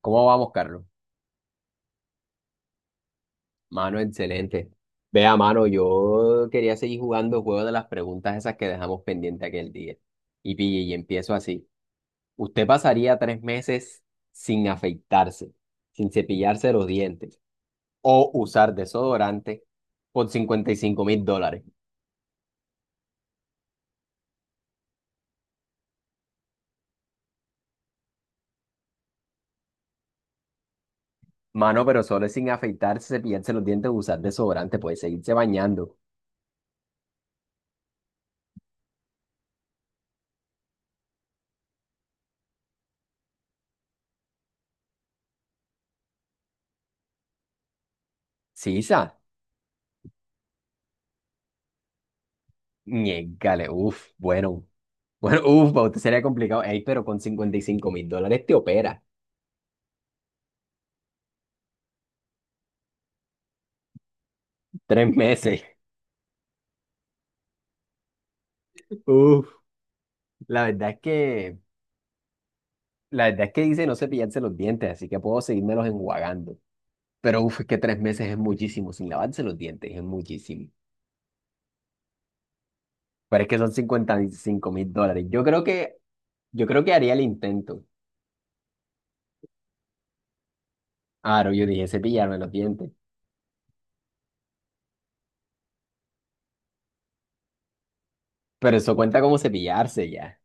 ¿Cómo vamos, Carlos? Mano, excelente. Vea, mano, yo quería seguir jugando el juego de las preguntas esas que dejamos pendiente aquel día. Y pille, y empiezo así. ¿Usted pasaría 3 meses sin afeitarse, sin cepillarse los dientes o usar desodorante por $55,000? Mano, pero solo es sin afeitarse, cepillarse los dientes, usar desodorante, puede seguirse bañando. Sí, sa. Niégale, uf, bueno. Bueno, uf, para usted sería complicado. Ey, pero con $55,000 te opera. 3 meses. Uf, la verdad es que, la verdad es que dice no cepillarse los dientes, así que puedo seguírmelos enjuagando. Pero uf, es que 3 meses es muchísimo, sin lavarse los dientes es muchísimo. Pero es que son $55,000. Yo creo que haría el intento. Claro, yo dije cepillarme los dientes, pero eso cuenta como cepillarse ya.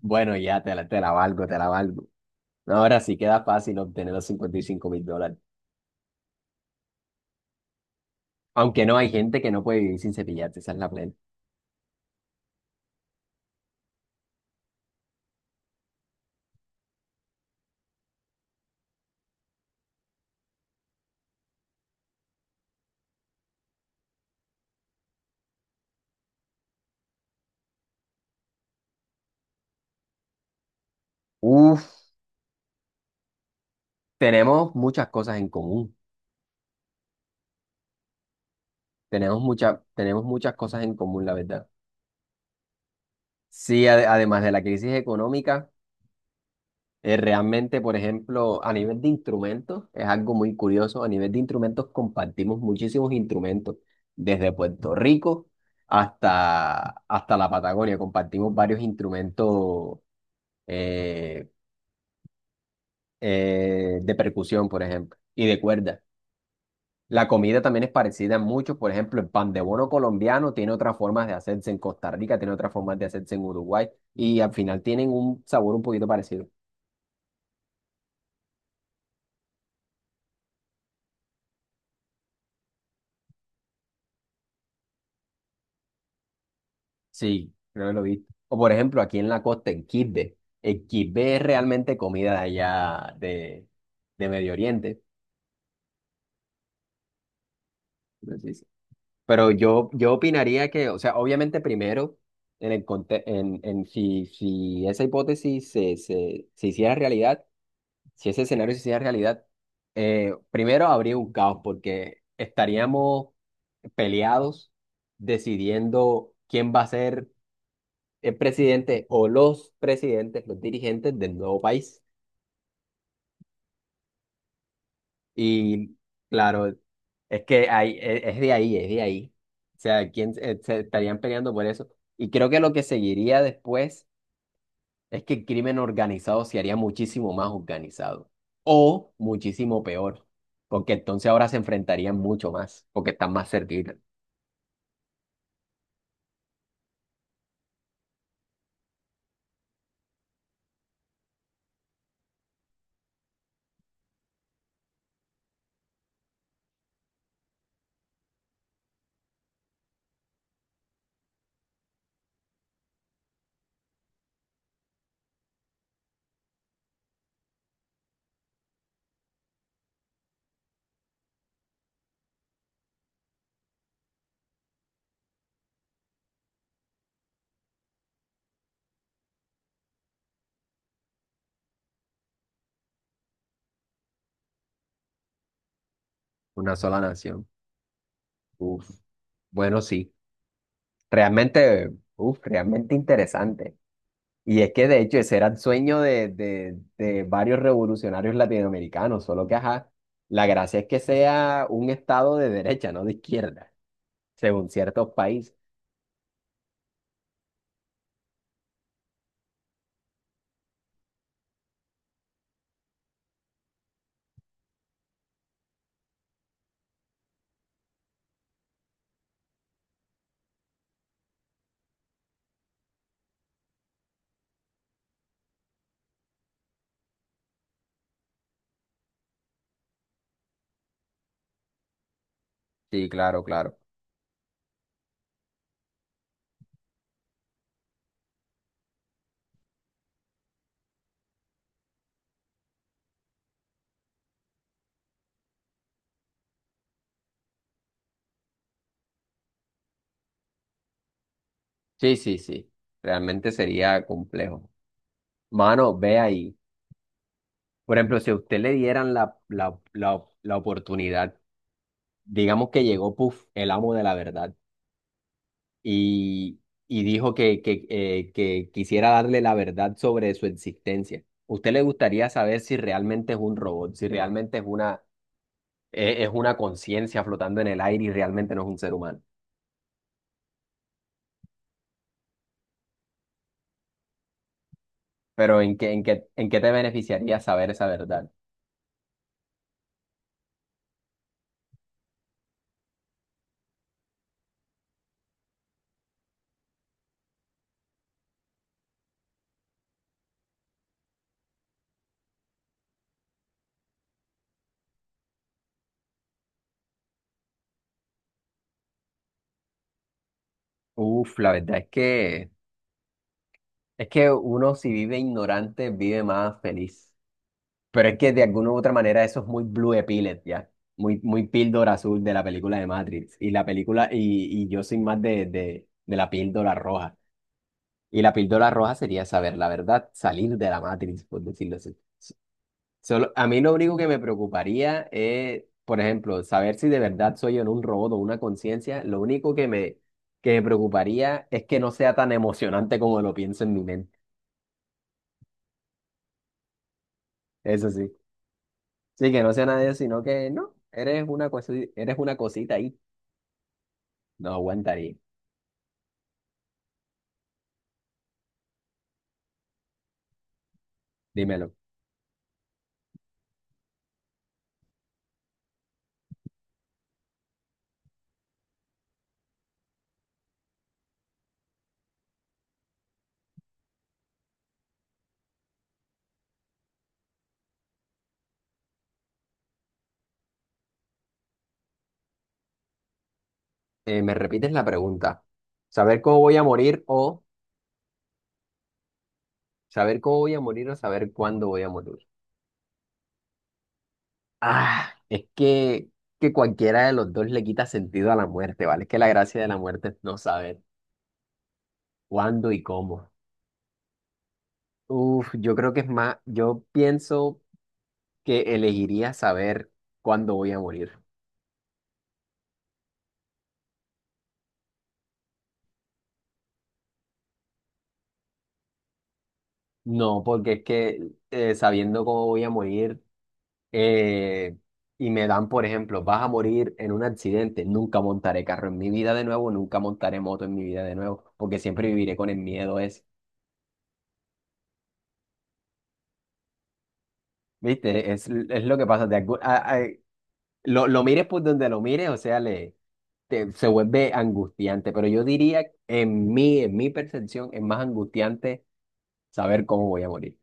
Bueno, ya te la valgo, te la valgo. Ahora sí queda fácil obtener los $55,000. Aunque no, hay gente que no puede vivir sin cepillarse, esa es la plena. Uf, tenemos muchas cosas en común. Tenemos muchas cosas en común, la verdad. Sí, además de la crisis económica, realmente, por ejemplo, a nivel de instrumentos, es algo muy curioso. A nivel de instrumentos compartimos muchísimos instrumentos, desde Puerto Rico hasta la Patagonia. Compartimos varios instrumentos eh, de percusión, por ejemplo, y de cuerda. La comida también es parecida en muchos, por ejemplo, el pan de bono colombiano tiene otras formas de hacerse en Costa Rica, tiene otras formas de hacerse en Uruguay y al final tienen un sabor un poquito parecido. Sí, creo que lo he visto. O por ejemplo, aquí en la costa, en Quibbe. El Quibbe es realmente comida de allá de Medio Oriente. Por así... Pero yo opinaría que, o sea, obviamente primero, en el, conte- en si esa hipótesis se hiciera realidad. Si ese escenario se hiciera realidad, primero habría un caos porque estaríamos peleados decidiendo quién va a ser el presidente o los presidentes, los dirigentes del nuevo país. Y claro, es que es de ahí, es de ahí. O sea, quién se estarían peleando por eso. Y creo que lo que seguiría después es que el crimen organizado se haría muchísimo más organizado o muchísimo peor, porque entonces ahora se enfrentarían mucho más, porque están más cerquita, una sola nación. Uf, bueno, sí, realmente, uf, realmente interesante. Y es que de hecho ese era el sueño de varios revolucionarios latinoamericanos, solo que, ajá, la gracia es que sea un estado de derecha, no de izquierda, según ciertos países. Sí, claro, claro. Sí, sí, sí, realmente sería complejo. Mano, ve ahí. Por ejemplo, si a usted le dieran la oportunidad, digamos que llegó Puff, el amo de la verdad, y, y dijo que quisiera darle la verdad sobre su existencia. ¿Usted le gustaría saber si realmente es un robot, si realmente es una conciencia flotando en el aire y realmente no es un ser humano? Pero en qué te beneficiaría saber esa verdad? Uf, la verdad es que uno si vive ignorante, vive más feliz. Pero es que de alguna u otra manera eso es muy Blue Pilot, ¿ya? Muy, muy píldora azul de la película de Matrix. Y la película, y yo soy más de la píldora roja. Y la píldora roja sería saber la verdad, salir de la Matrix, por decirlo así. Solo, a mí lo único que me preocuparía es, por ejemplo, saber si de verdad soy en un robot o una conciencia. Lo único que me preocuparía es que no sea tan emocionante como lo pienso en mi mente. Eso sí. Sí, que no sea nadie, sino que no, eres una cosita ahí. No aguantaría. Dímelo. ¿Me repites la pregunta? ¿Saber cómo voy a morir o saber cómo voy a morir o saber cuándo voy a morir? Ah, es que cualquiera de los dos le quita sentido a la muerte, ¿vale? Es que la gracia de la muerte es no saber cuándo y cómo. Uf, yo creo que es más, yo pienso que elegiría saber cuándo voy a morir. No, porque es que sabiendo cómo voy a morir eh, y me dan, por ejemplo, vas a morir en un accidente, nunca montaré carro en mi vida de nuevo, nunca montaré moto en mi vida de nuevo, porque siempre viviré con el miedo ese. ¿Viste? Es lo que pasa. De algún- a- lo mires por donde lo mires, o sea, se vuelve angustiante, pero yo diría, en mí, en mi percepción, es más angustiante saber cómo voy a morir.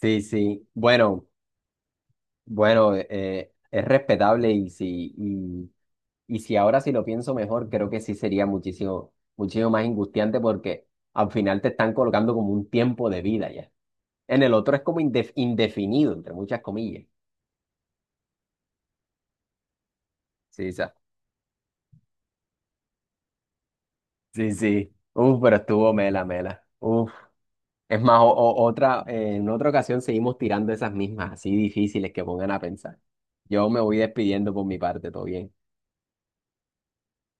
Sí, sí. Bueno, bueno, es respetable y sí. Y si ahora sí lo pienso mejor, creo que sí sería muchísimo, muchísimo más angustiante porque al final te están colocando como un tiempo de vida ya. En el otro es como indefinido, entre muchas comillas. Sí, sa- sí, sí. Uf, pero estuvo mela, mela. Uf. Es más, otra, en otra ocasión seguimos tirando esas mismas, así difíciles que pongan a pensar. Yo me voy despidiendo por mi parte, todo bien.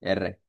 R.